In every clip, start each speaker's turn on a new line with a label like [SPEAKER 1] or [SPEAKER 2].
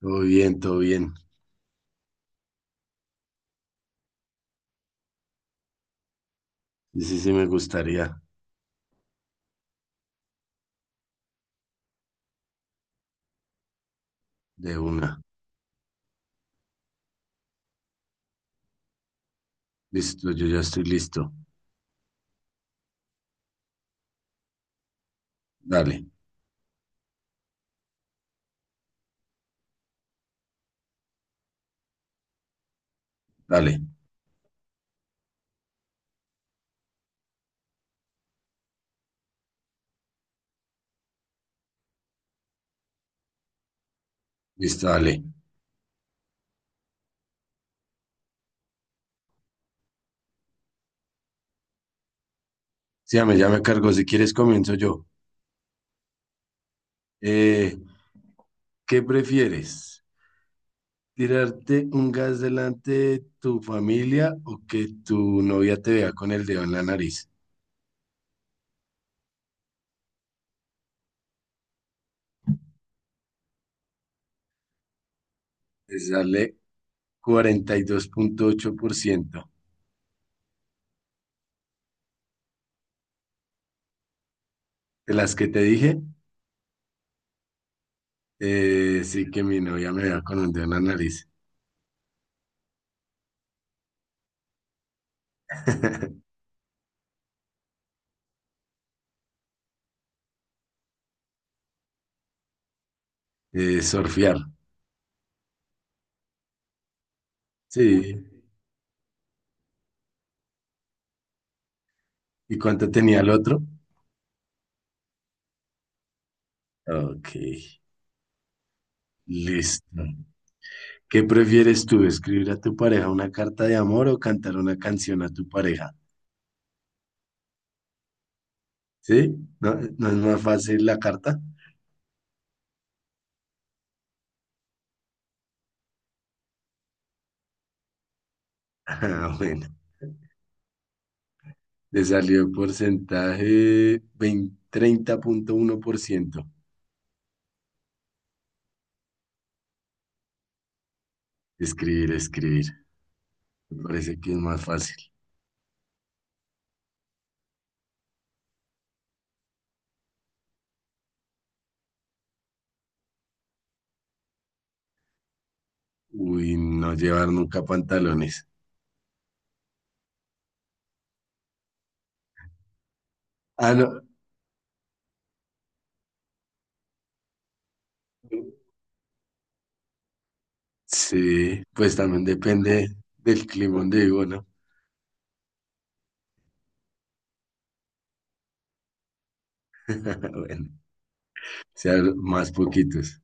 [SPEAKER 1] Todo bien, todo bien. Sí, sí, sí, me gustaría de una. Listo, yo ya estoy listo. Dale, dale, listo, dale. Sí, ya me cargo. Si quieres, comienzo yo. Eh, ¿Qué prefieres? ¿Tirarte un gas delante de tu familia o que tu novia te vea con el dedo en la nariz? Te sale 42,8%. De las que te dije, sí que mi novia me vea con un dedo en la nariz. Surfear. Sí. ¿Y cuánto tenía el otro? Ok, listo. ¿Qué prefieres tú, escribir a tu pareja una carta de amor o cantar una canción a tu pareja? ¿Sí? ¿No, no es más fácil la carta? Ah, bueno, le salió porcentaje veinte 30,1%. Escribir, escribir. Me parece que es más fácil. Uy, no llevar nunca pantalones. Ah, no. Sí, pues también depende del clima donde vivo, ¿no? Bueno, sean más poquitos.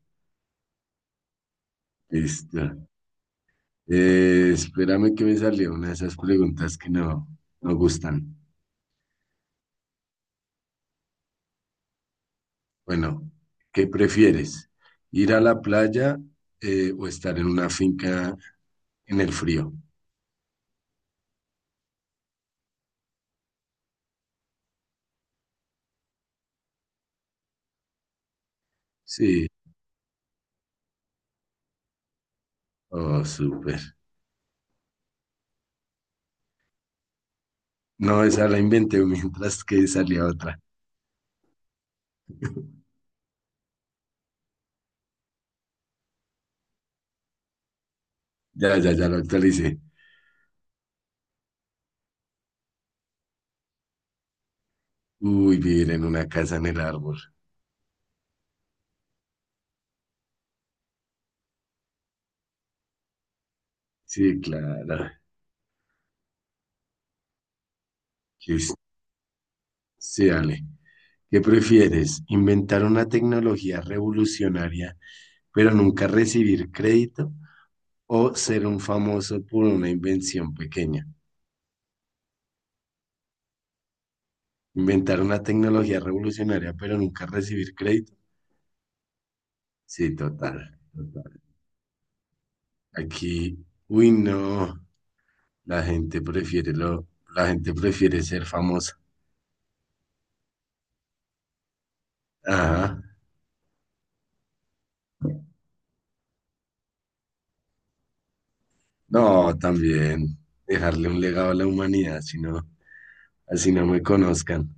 [SPEAKER 1] Listo. Espérame que me salió una de esas preguntas que no gustan. Bueno, ¿qué prefieres? ¿Ir a la playa o estar en una finca en el frío? Sí, oh, súper. No, esa la inventé mientras que salía otra. Ya, ya, ya lo actualicé. Uy, vivir en una casa en el árbol. Sí, claro. Listo. Sí, dale. ¿Qué prefieres? ¿Inventar una tecnología revolucionaria pero nunca recibir crédito o ser un famoso por una invención pequeña? Inventar una tecnología revolucionaria, pero nunca recibir crédito. Sí, total, total. Aquí, uy, no, la gente prefiere lo, la gente prefiere ser famosa. Ajá. No, también dejarle un legado a la humanidad, si no, así no me conozcan.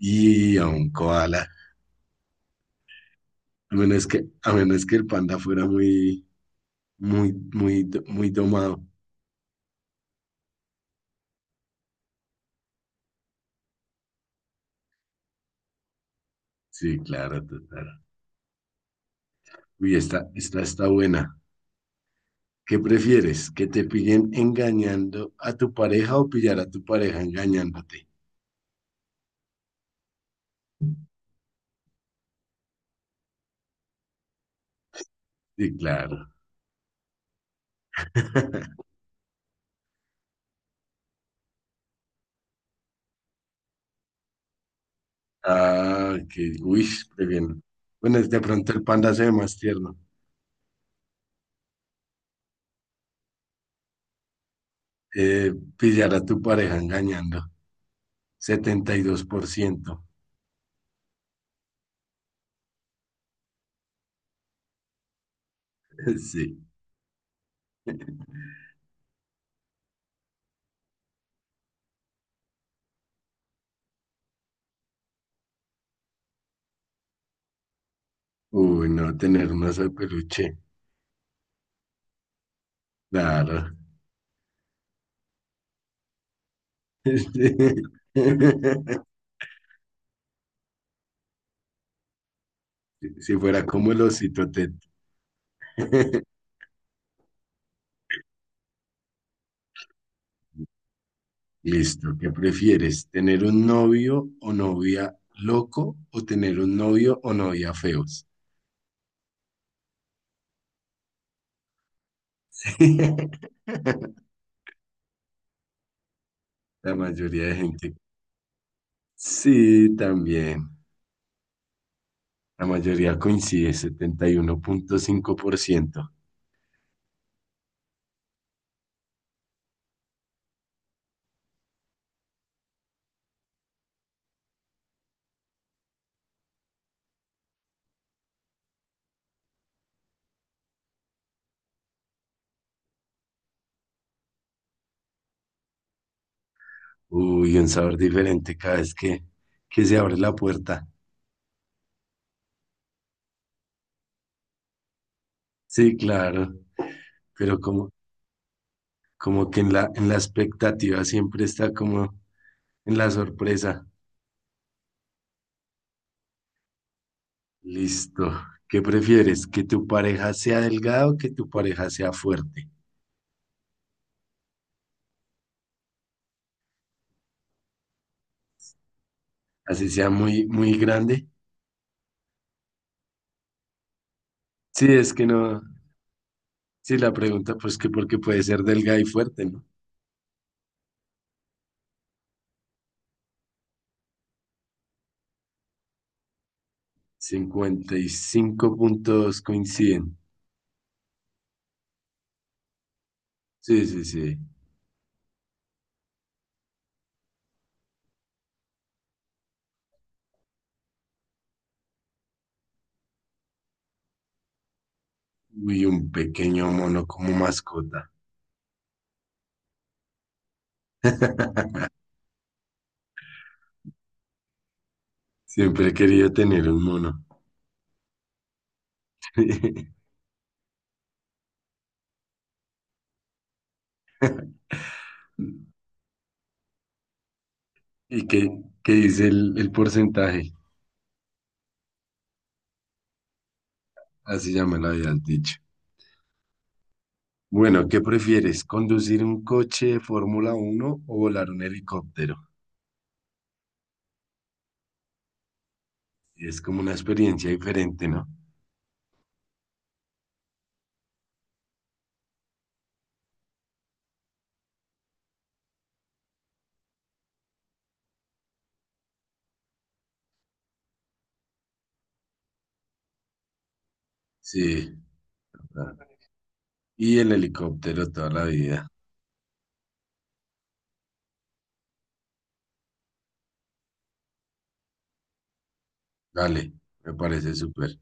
[SPEAKER 1] Y a un koala, a menos que el panda fuera muy, muy, muy, muy domado. Sí, claro, total. Uy, esta está buena. ¿Qué prefieres? ¿Que te pillen engañando a tu pareja o pillar a tu pareja engañándote? Sí, claro. Ah, que, uy, qué bien. Bueno, de pronto el panda se ve más tierno. Pillar a tu pareja engañando. 72%. Sí. Uy, no, tener un oso de peluche. Claro. Si fuera como el osito Ted. Listo, ¿qué prefieres? ¿Tener un novio o novia loco o tener un novio o novia feos? La mayoría de gente. Sí, también. La mayoría coincide, 71,5%. Uy, un sabor diferente cada vez que se abre la puerta. Sí, claro, pero como que en la expectativa siempre está como en la sorpresa. Listo. ¿Qué prefieres? ¿Que tu pareja sea delgada o que tu pareja sea fuerte? Así sea muy, muy grande. Sí, es que no. Sí, la pregunta, pues que porque puede ser delgada y fuerte, ¿no? 55 puntos coinciden. Sí, sí, sí. Uy, un pequeño mono como mascota. Siempre he querido tener un mono. ¿Y qué dice el porcentaje? Así ya me lo habías dicho. Bueno, ¿qué prefieres? ¿Conducir un coche de Fórmula 1 o volar un helicóptero? Es como una experiencia diferente, ¿no? Sí. ah, Y el helicóptero toda la vida. Dale, me parece súper.